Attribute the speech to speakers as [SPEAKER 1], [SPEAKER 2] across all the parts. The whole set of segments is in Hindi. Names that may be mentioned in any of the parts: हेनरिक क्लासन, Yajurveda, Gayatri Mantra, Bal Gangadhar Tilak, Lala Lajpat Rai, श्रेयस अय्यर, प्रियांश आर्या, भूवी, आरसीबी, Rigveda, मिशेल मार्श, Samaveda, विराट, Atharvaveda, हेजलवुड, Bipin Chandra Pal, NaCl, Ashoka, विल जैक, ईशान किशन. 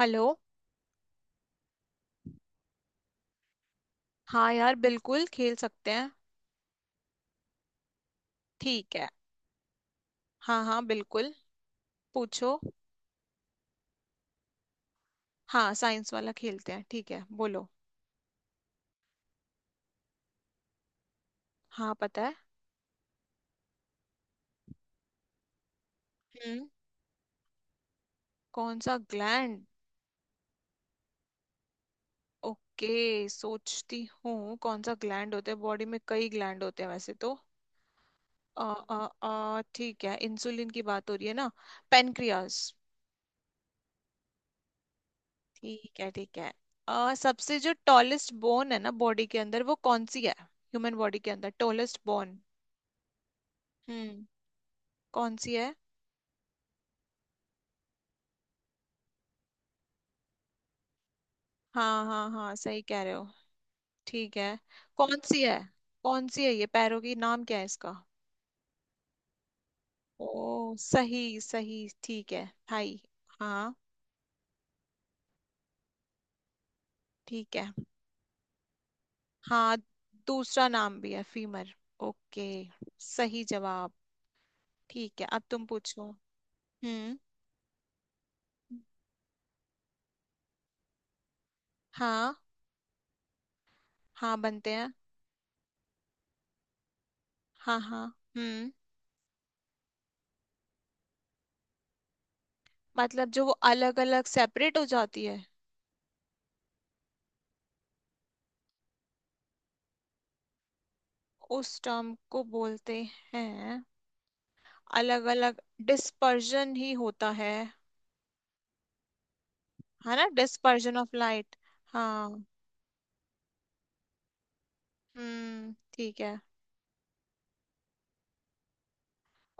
[SPEAKER 1] हेलो। हाँ यार बिल्कुल खेल सकते हैं। ठीक है। हाँ हाँ बिल्कुल। पूछो। हाँ साइंस वाला खेलते हैं। ठीक है बोलो। हाँ पता है। हम्म। कौन सा ग्लैंड? ओके सोचती हूँ कौन सा ग्लैंड होता है, बॉडी में कई ग्लैंड होते हैं वैसे तो। अ अ ठीक है, इंसुलिन की बात हो रही है ना। पेनक्रियास। ठीक है ठीक है। सबसे जो टॉलेस्ट बोन है ना बॉडी के अंदर, वो कौन सी है? ह्यूमन बॉडी के अंदर टॉलेस्ट बोन। हम्म। कौन सी है? हाँ हाँ हाँ सही कह रहे हो। ठीक है। कौन सी है? कौन सी है ये पैरों की, नाम क्या है इसका? ओ सही सही ठीक है। थाई। हाँ। ठीक है। हाँ दूसरा नाम भी है फीमर। ओके। सही जवाब। ठीक है अब तुम पूछो। हम्म। हाँ हाँ बनते हैं। हाँ हाँ। हम्म। मतलब जो वो अलग अलग सेपरेट हो जाती है। उस टर्म को बोलते हैं अलग अलग। डिस्पर्जन ही होता है। है ना, डिस्पर्जन ऑफ लाइट। हाँ। ठीक है।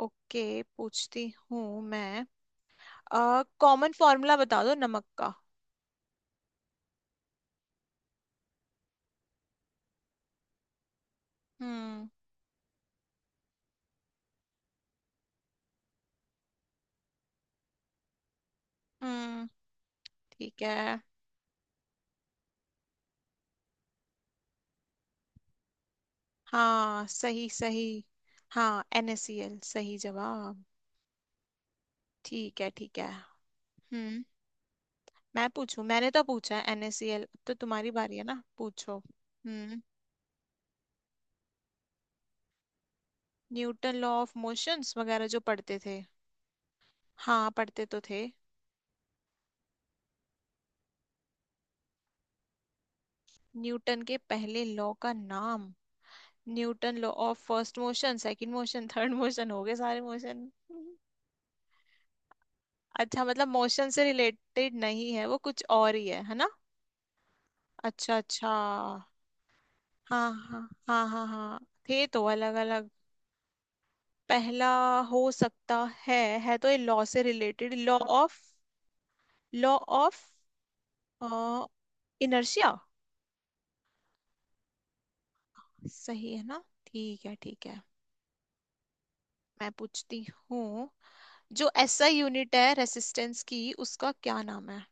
[SPEAKER 1] ओके पूछती हूँ मैं। कॉमन फॉर्मूला बता दो नमक का। हम्म। हम्म। ठीक है। हाँ सही सही। हाँ NaCl, सही जवाब। ठीक है ठीक है। हम्म। मैं पूछूं? मैंने तो पूछा है NaCl, अब तो तुम्हारी बारी है ना, पूछो। हम्म। न्यूटन लॉ ऑफ मोशंस वगैरह जो पढ़ते थे। हाँ पढ़ते तो थे। न्यूटन के पहले लॉ का नाम। Newton law of first motion, second motion, third motion, हो गए सारे मोशन। अच्छा मतलब मोशन से रिलेटेड नहीं है वो, कुछ और ही है ना? अच्छा अच्छा। हाँ हाँ हाँ हाँ हाँ। थे तो अलग अलग। पहला। हो सकता है। है तो ये लॉ से related, law of. Law of inertia. सही है ना। ठीक है ठीक है। मैं पूछती हूँ। जो एसआई यूनिट है रेसिस्टेंस की उसका क्या नाम है?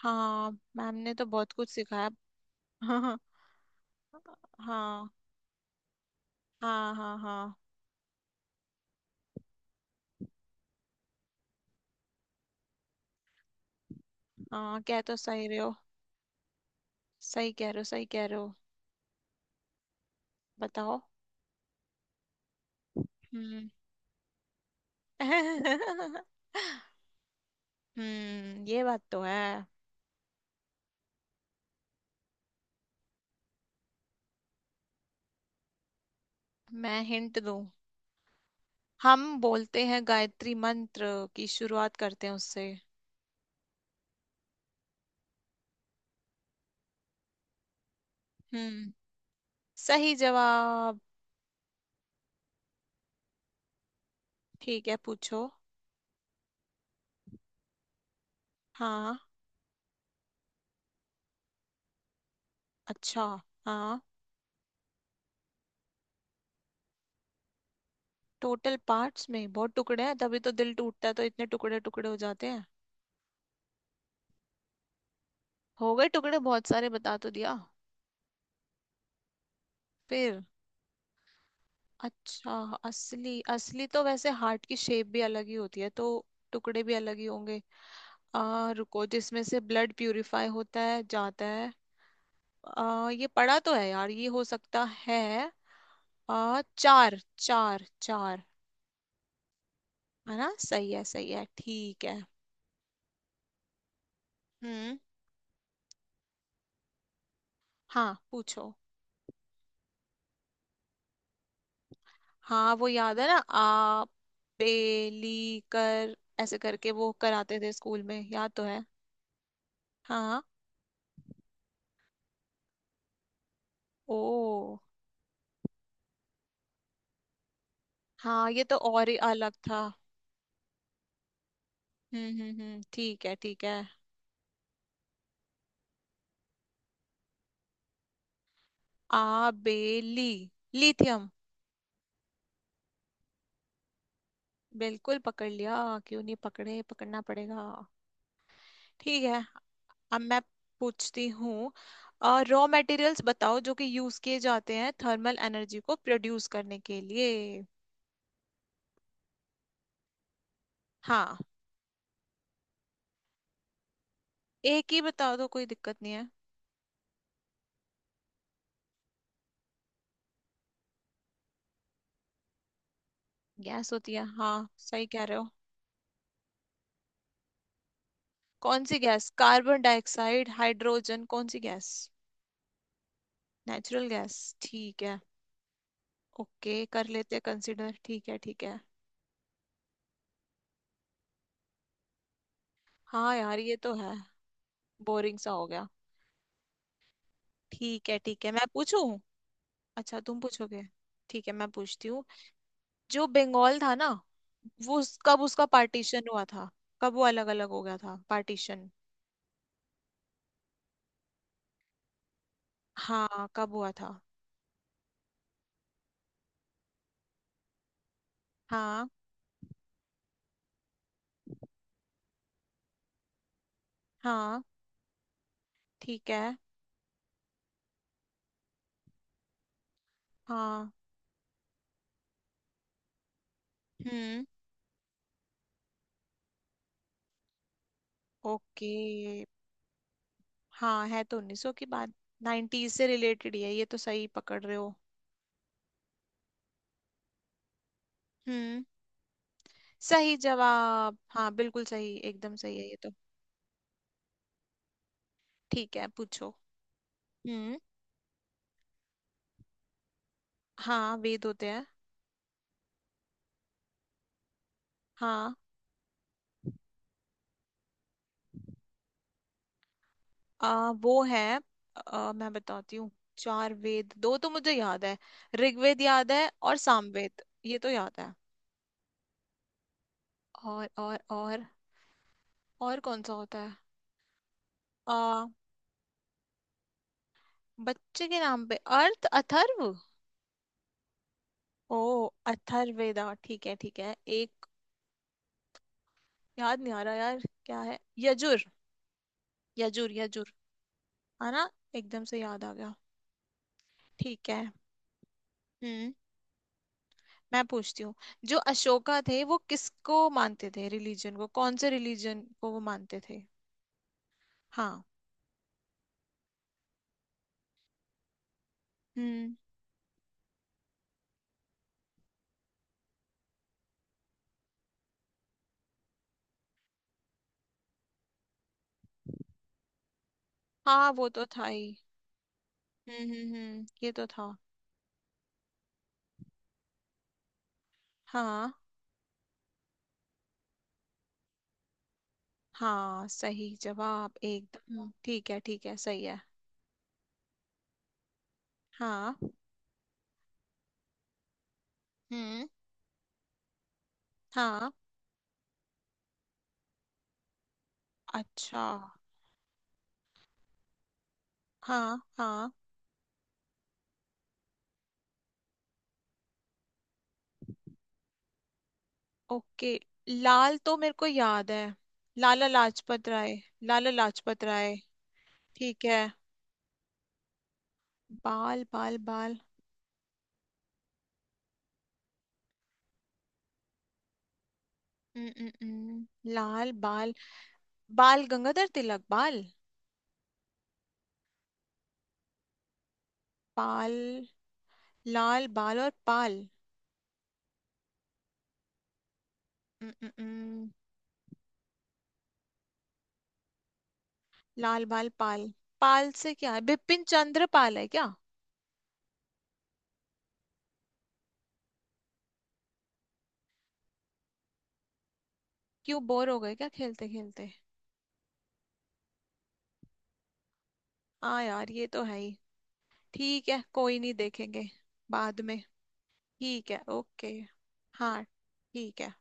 [SPEAKER 1] हाँ मैम ने तो बहुत कुछ सिखाया। हाँ। हाँ हाँ हाँ हाँ हाँ। हाँ कह तो सही रहे हो। सही कह रहे हो सही कह रहे हो। बताओ। हम्म। ये बात तो है। मैं हिंट दूं? हम बोलते हैं गायत्री मंत्र की शुरुआत करते हैं उससे। हम्म। सही जवाब। ठीक है पूछो। हाँ। अच्छा। हाँ। टोटल पार्ट्स में बहुत टुकड़े हैं, तभी तो दिल टूटता है तो इतने टुकड़े टुकड़े हो जाते हैं। हो गए टुकड़े बहुत सारे, बता तो दिया। फिर। अच्छा। असली असली तो वैसे हार्ट की शेप भी अलग ही होती है, तो टुकड़े भी अलग ही होंगे। आ रुको, जिसमें से ब्लड प्यूरिफाई होता है जाता है। आ ये पड़ा तो है यार, ये हो सकता है। आ चार। चार चार। है ना, सही है ठीक है। हम्म। हाँ पूछो। हाँ वो याद है ना। आ बेली कर ऐसे करके वो कराते थे स्कूल में, याद तो है। हाँ। ओ। हाँ ये तो और ही अलग था। ठीक है ठीक है। आबेली। लिथियम। बिल्कुल पकड़ लिया। क्यों नहीं पकड़े, पकड़ना पड़ेगा। ठीक है। अब मैं पूछती हूँ। रॉ मटेरियल्स बताओ जो कि यूज किए जाते हैं थर्मल एनर्जी को प्रोड्यूस करने के लिए। हाँ। एक ही बताओ तो कोई दिक्कत नहीं है। गैस होती है, हाँ सही कह रहे हो। कौन सी गैस, कार्बन डाइऑक्साइड, हाइड्रोजन, कौन सी गैस? Natural gas. ठीक है। ओके कर लेते हैं कंसिडर, ठीक है ठीक है। हाँ यार ये तो है। बोरिंग सा हो गया। ठीक है मैं पूछूं। अच्छा तुम पूछोगे। ठीक है मैं पूछती हूँ। जो बंगाल था ना, कब उसका पार्टीशन हुआ था? कब वो अलग अलग हो गया था पार्टीशन? हाँ कब हुआ था? हाँ। हाँ। ठीक है। हाँ। हम्म। ओके। हाँ है तो 1900 की बात, 90s से रिलेटेड ही है, ये तो सही पकड़ रहे हो। हम्म। सही जवाब, हाँ बिल्कुल सही, एकदम सही है ये तो। ठीक है पूछो। हम्म। हाँ वेद होते हैं। हाँ। वो है। मैं बताती हूँ। चार वेद, दो तो मुझे याद है। ऋग्वेद याद है और सामवेद, ये तो याद है। और और कौन सा होता है? आ, बच्चे के नाम पे, अर्थ अथर्व। ओ अथर्वेदा। ठीक है ठीक है। एक याद नहीं आ रहा यार। क्या है, यजुर? यजुर यजुर। है ना। एकदम से याद आ गया। ठीक है। हम्म। मैं पूछती हूँ। जो अशोका थे, वो किसको मानते थे, रिलीजन को, कौन से रिलीजन को वो मानते थे? हाँ। हम्म। हाँ वो तो था ही। ये तो था। हाँ। हाँ सही जवाब, एकदम ठीक है सही है। हाँ। हम्म। हाँ। अच्छा। हाँ हाँ। ओके। लाल तो मेरे को याद है। लाला लाजपत राय। लाला लाजपत राय। ठीक है। बाल बाल बाल। हम्म, हम्म, हम्म, लाल बाल। बाल गंगाधर तिलक बाल। पाल। लाल बाल और पाल। उम, उम, उम, लाल बाल पाल। पाल से क्या है, बिपिन चंद्र पाल है क्या? क्यों बोर हो गए क्या खेलते खेलते? हाँ यार ये तो है ही। ठीक है कोई नहीं, देखेंगे बाद में। ठीक है ओके। हाँ ठीक है।